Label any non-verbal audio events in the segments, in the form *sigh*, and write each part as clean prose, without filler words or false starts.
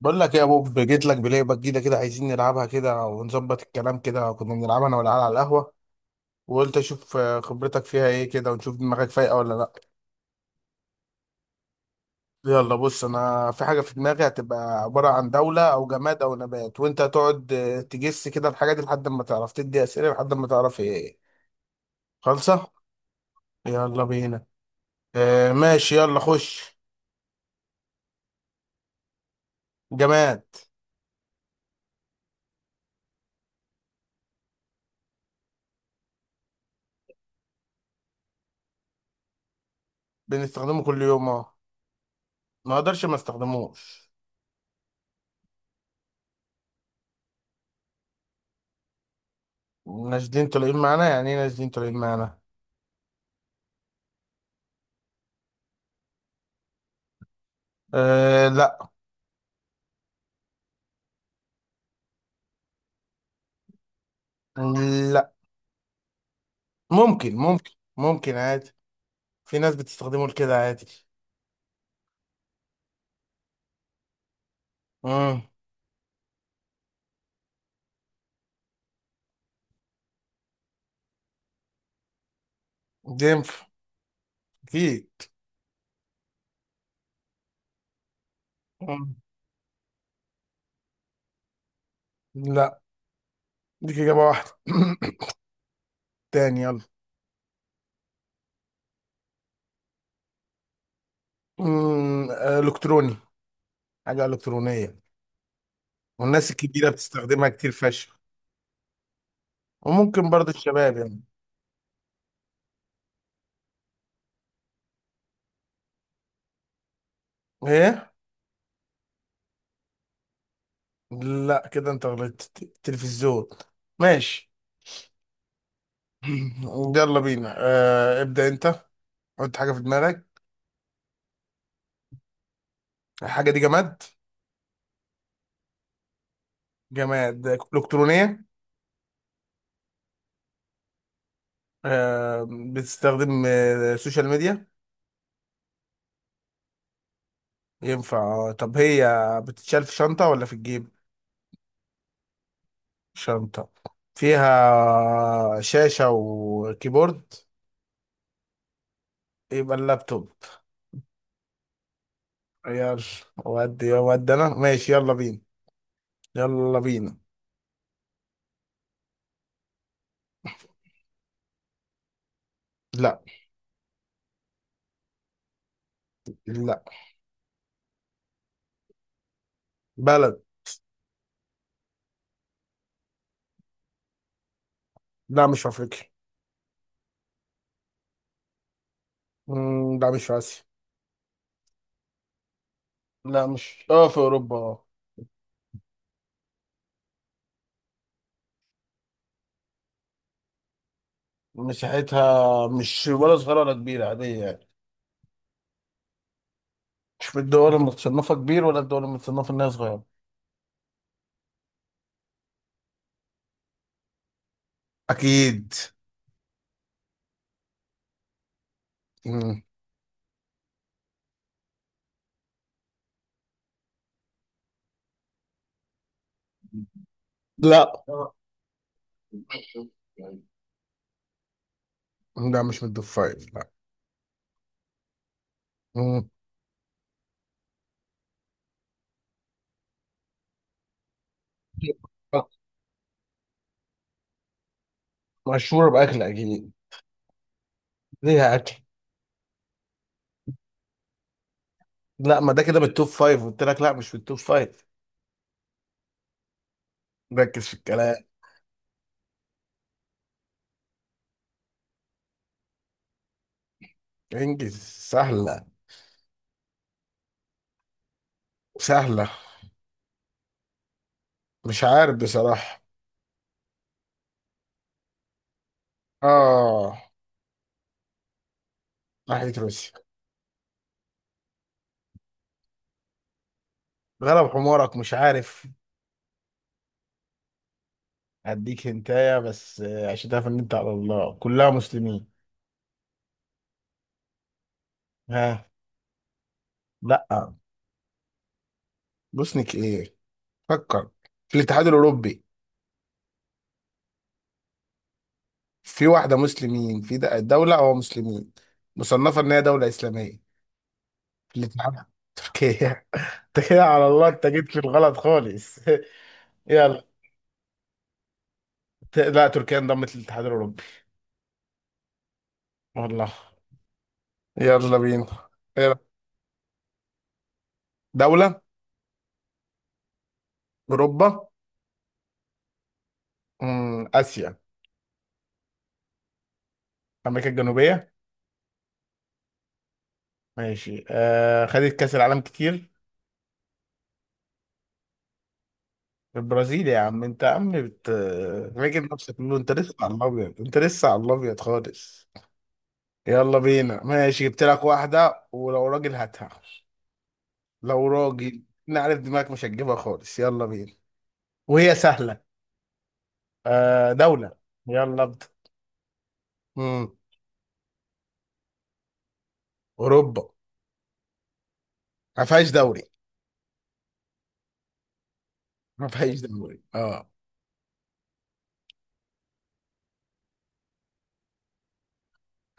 بقول لك يا بوب، جيت لك بلعبه جديده كده، عايزين نلعبها كده ونظبط الكلام كده. كنا بنلعبها انا والعيال على القهوه، وقلت اشوف خبرتك فيها ايه كده، ونشوف دماغك فايقه ولا لا. يلا بص، انا في حاجه في دماغي هتبقى عباره عن دوله او جماد او نبات، وانت هتقعد تجس كده الحاجه دي لحد ما تعرف، تدي اسئله لحد ما تعرف هي ايه خالصه. يلا بينا. ماشي، يلا خش. جماد. بنستخدمه كل يوم، اه. ما اقدرش ما استخدموش. نازلين طالعين معانا، يعني ايه نازلين طالعين معانا؟ أه لا. لا. ممكن ممكن. ممكن عادي. في ناس بتستخدمه لكده عادي. امم ينفع. اكيد. مم. لا، دي اجابه واحده. *coughs* *clears throat* تاني يلا. الكتروني. حاجه الكترونيه، والناس الكبيره بتستخدمها كتير فشخ، وممكن برضه الشباب يعني. ايه؟ لا، كده انت غلطت. تلفزيون. ماشي. *coughs* *laughs* يلا بينا. ابدأ انت، حط حاجه في دماغك. الحاجه دي جماد. جماد الكترونيه. آه، بتستخدم سوشيال ميديا؟ ينفع. طب هي بتتشال في شنطة ولا في الجيب؟ شنطة. فيها شاشة وكيبورد؟ يبقى اللابتوب. يلا. ودي يا ودي انا ماشي. يلا بينا. يلا بينا. لا. لا. بلد. لا، مش في افريقيا. مم، لا، مش في اسيا. لا، مش في اوروبا، اه. مساحتها مش ولا صغيرة ولا كبيرة، عادية يعني. مش من الدول المتصنفة كبير ولا الدول المتصنفة انها صغيرة. أكيد. مم. لا. لا، مش من التوب فايف، لا. مم. مشهورة بأكل أكيد. ليها أكل. لا، ما ده كده من التوب فايف، قلت لك لا، مش في التوب فايف. ركز في الكلام. انجز. سهلة. سهلة. مش عارف بصراحة. آه. ناحية روسيا. غلب حمارك، مش عارف. هديك هنتايا بس عشان تعرف إن أنت على الله كلها مسلمين. ها. لا. بوسنيك إيه؟ فكر. في الاتحاد الأوروبي. في واحدة مسلمين، في دولة هو مسلمين. مصنفة إن هي دولة إسلامية. في الاتحاد. تركيا. *laughs* انت كده على الله، انت جيت في الغلط خالص. *laughs* يلا. لا، تركيا انضمت للاتحاد الأوروبي. والله. يلا بينا. إيه رأيك؟ دولة. أوروبا. آسيا. أمريكا الجنوبية. ماشي، خدت كأس العالم كتير. البرازيل يا عم. انت يا عم بت راجل، نفسك كله انت لسه على الابيض، انت لسه على الابيض خالص. يلا بينا. ماشي، جبت لك واحدة، ولو راجل هاتها. لو راجل. انا عارف دماغك مش هتجيبها خالص. يلا بينا. وهي سهلة. آه، دولة. يلا ابدا. امم اوروبا. ما فيهاش دوري. ما فيهاش دوري، اه.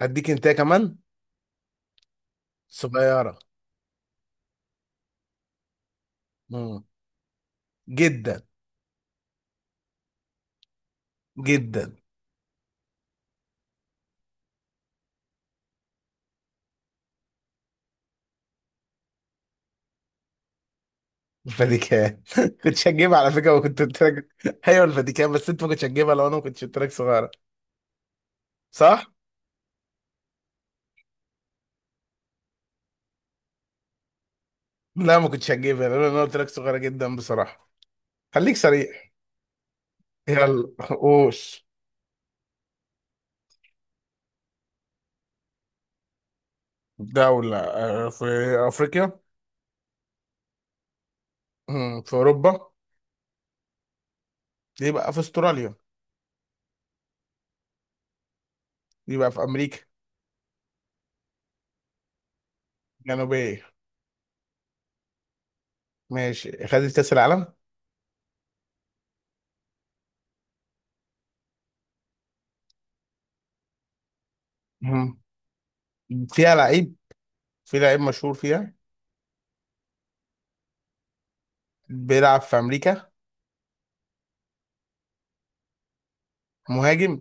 هديك انت كمان. صغيرة. امم جدا. جدا. الفاتيكان. *laughs* كنت هتجيبها على فكرة، وكنت قلت لك. ايوه الفاتيكان، بس انت ما كنتش هتجيبها لو انا ما كنتش قلت لك صغيرة. صح؟ لا، ما كنتش هتجيبها لان انا قلت لك صغيرة جدا بصراحة. خليك سريع. هي الرؤوس. دولة. في أفريقيا. في أوروبا. دي بقى في أستراليا. دي بقى في أمريكا الجنوبية. ماشي، خدت كأس العالم. مم. فيها لعيب. في لعيب مشهور فيها. بيلعب في أمريكا. مهاجم.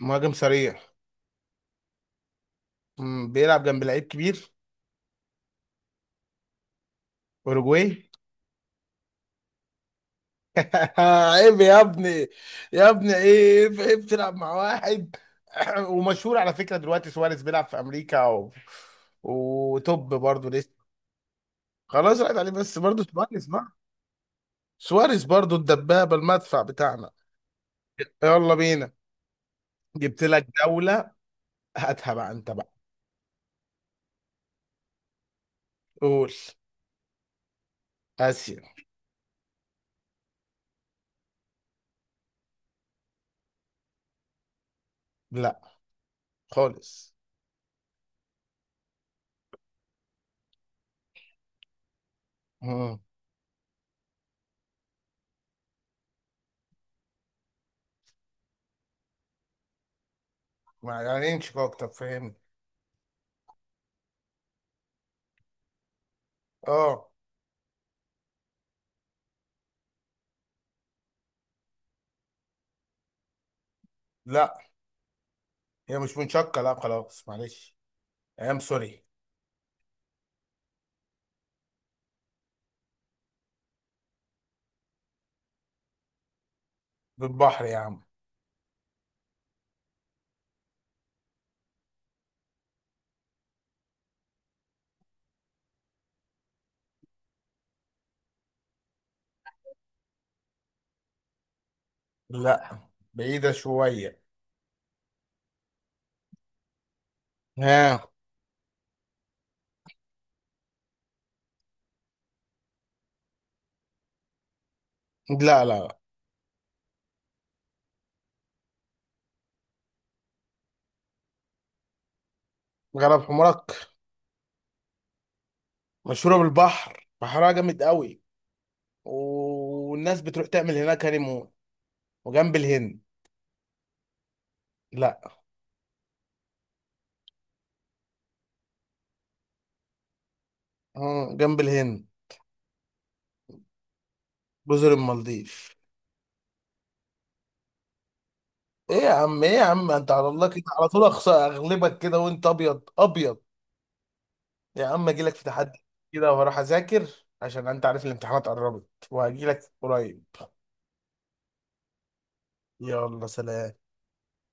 مهاجم سريع. بيلعب جنب لعيب كبير. أوروجواي. *laughs* عيب يا ابني، يا ابني ايه عيب تلعب مع واحد. *clears throat* ومشهور على فكرة دلوقتي، سواريز بيلعب في أمريكا وتوب برضه. خلاص راحت عليه، بس برضه سواريز بقى. سواريز برضه الدبابة، المدفع بتاعنا. يلا بينا. جبت لك دولة. هاتها بقى انت بقى. قول. آسيا. لا خالص. مم. ما يعني انشك اكتر، فاهمني؟ اه. لا، هي مش منشقة، لا خلاص معلش. ايام سوري. بالبحر يا عم. لا. بعيدة شوية. ها. لا. لا. لا. غرب حمرك. مشهورة بالبحر، بحرها جامد قوي، والناس بتروح تعمل هناك هانيمون. وجنب الهند. لا. اه، جنب الهند. جزر المالديف. ايه يا عم، ايه يا عم، انت على الله كده على طول اغلبك كده، وانت ابيض ابيض. يا عم اجي لك في تحدي كده، وهروح اذاكر، عشان انت عارف الامتحانات قربت، وهجي لك قريب. يلا سلام.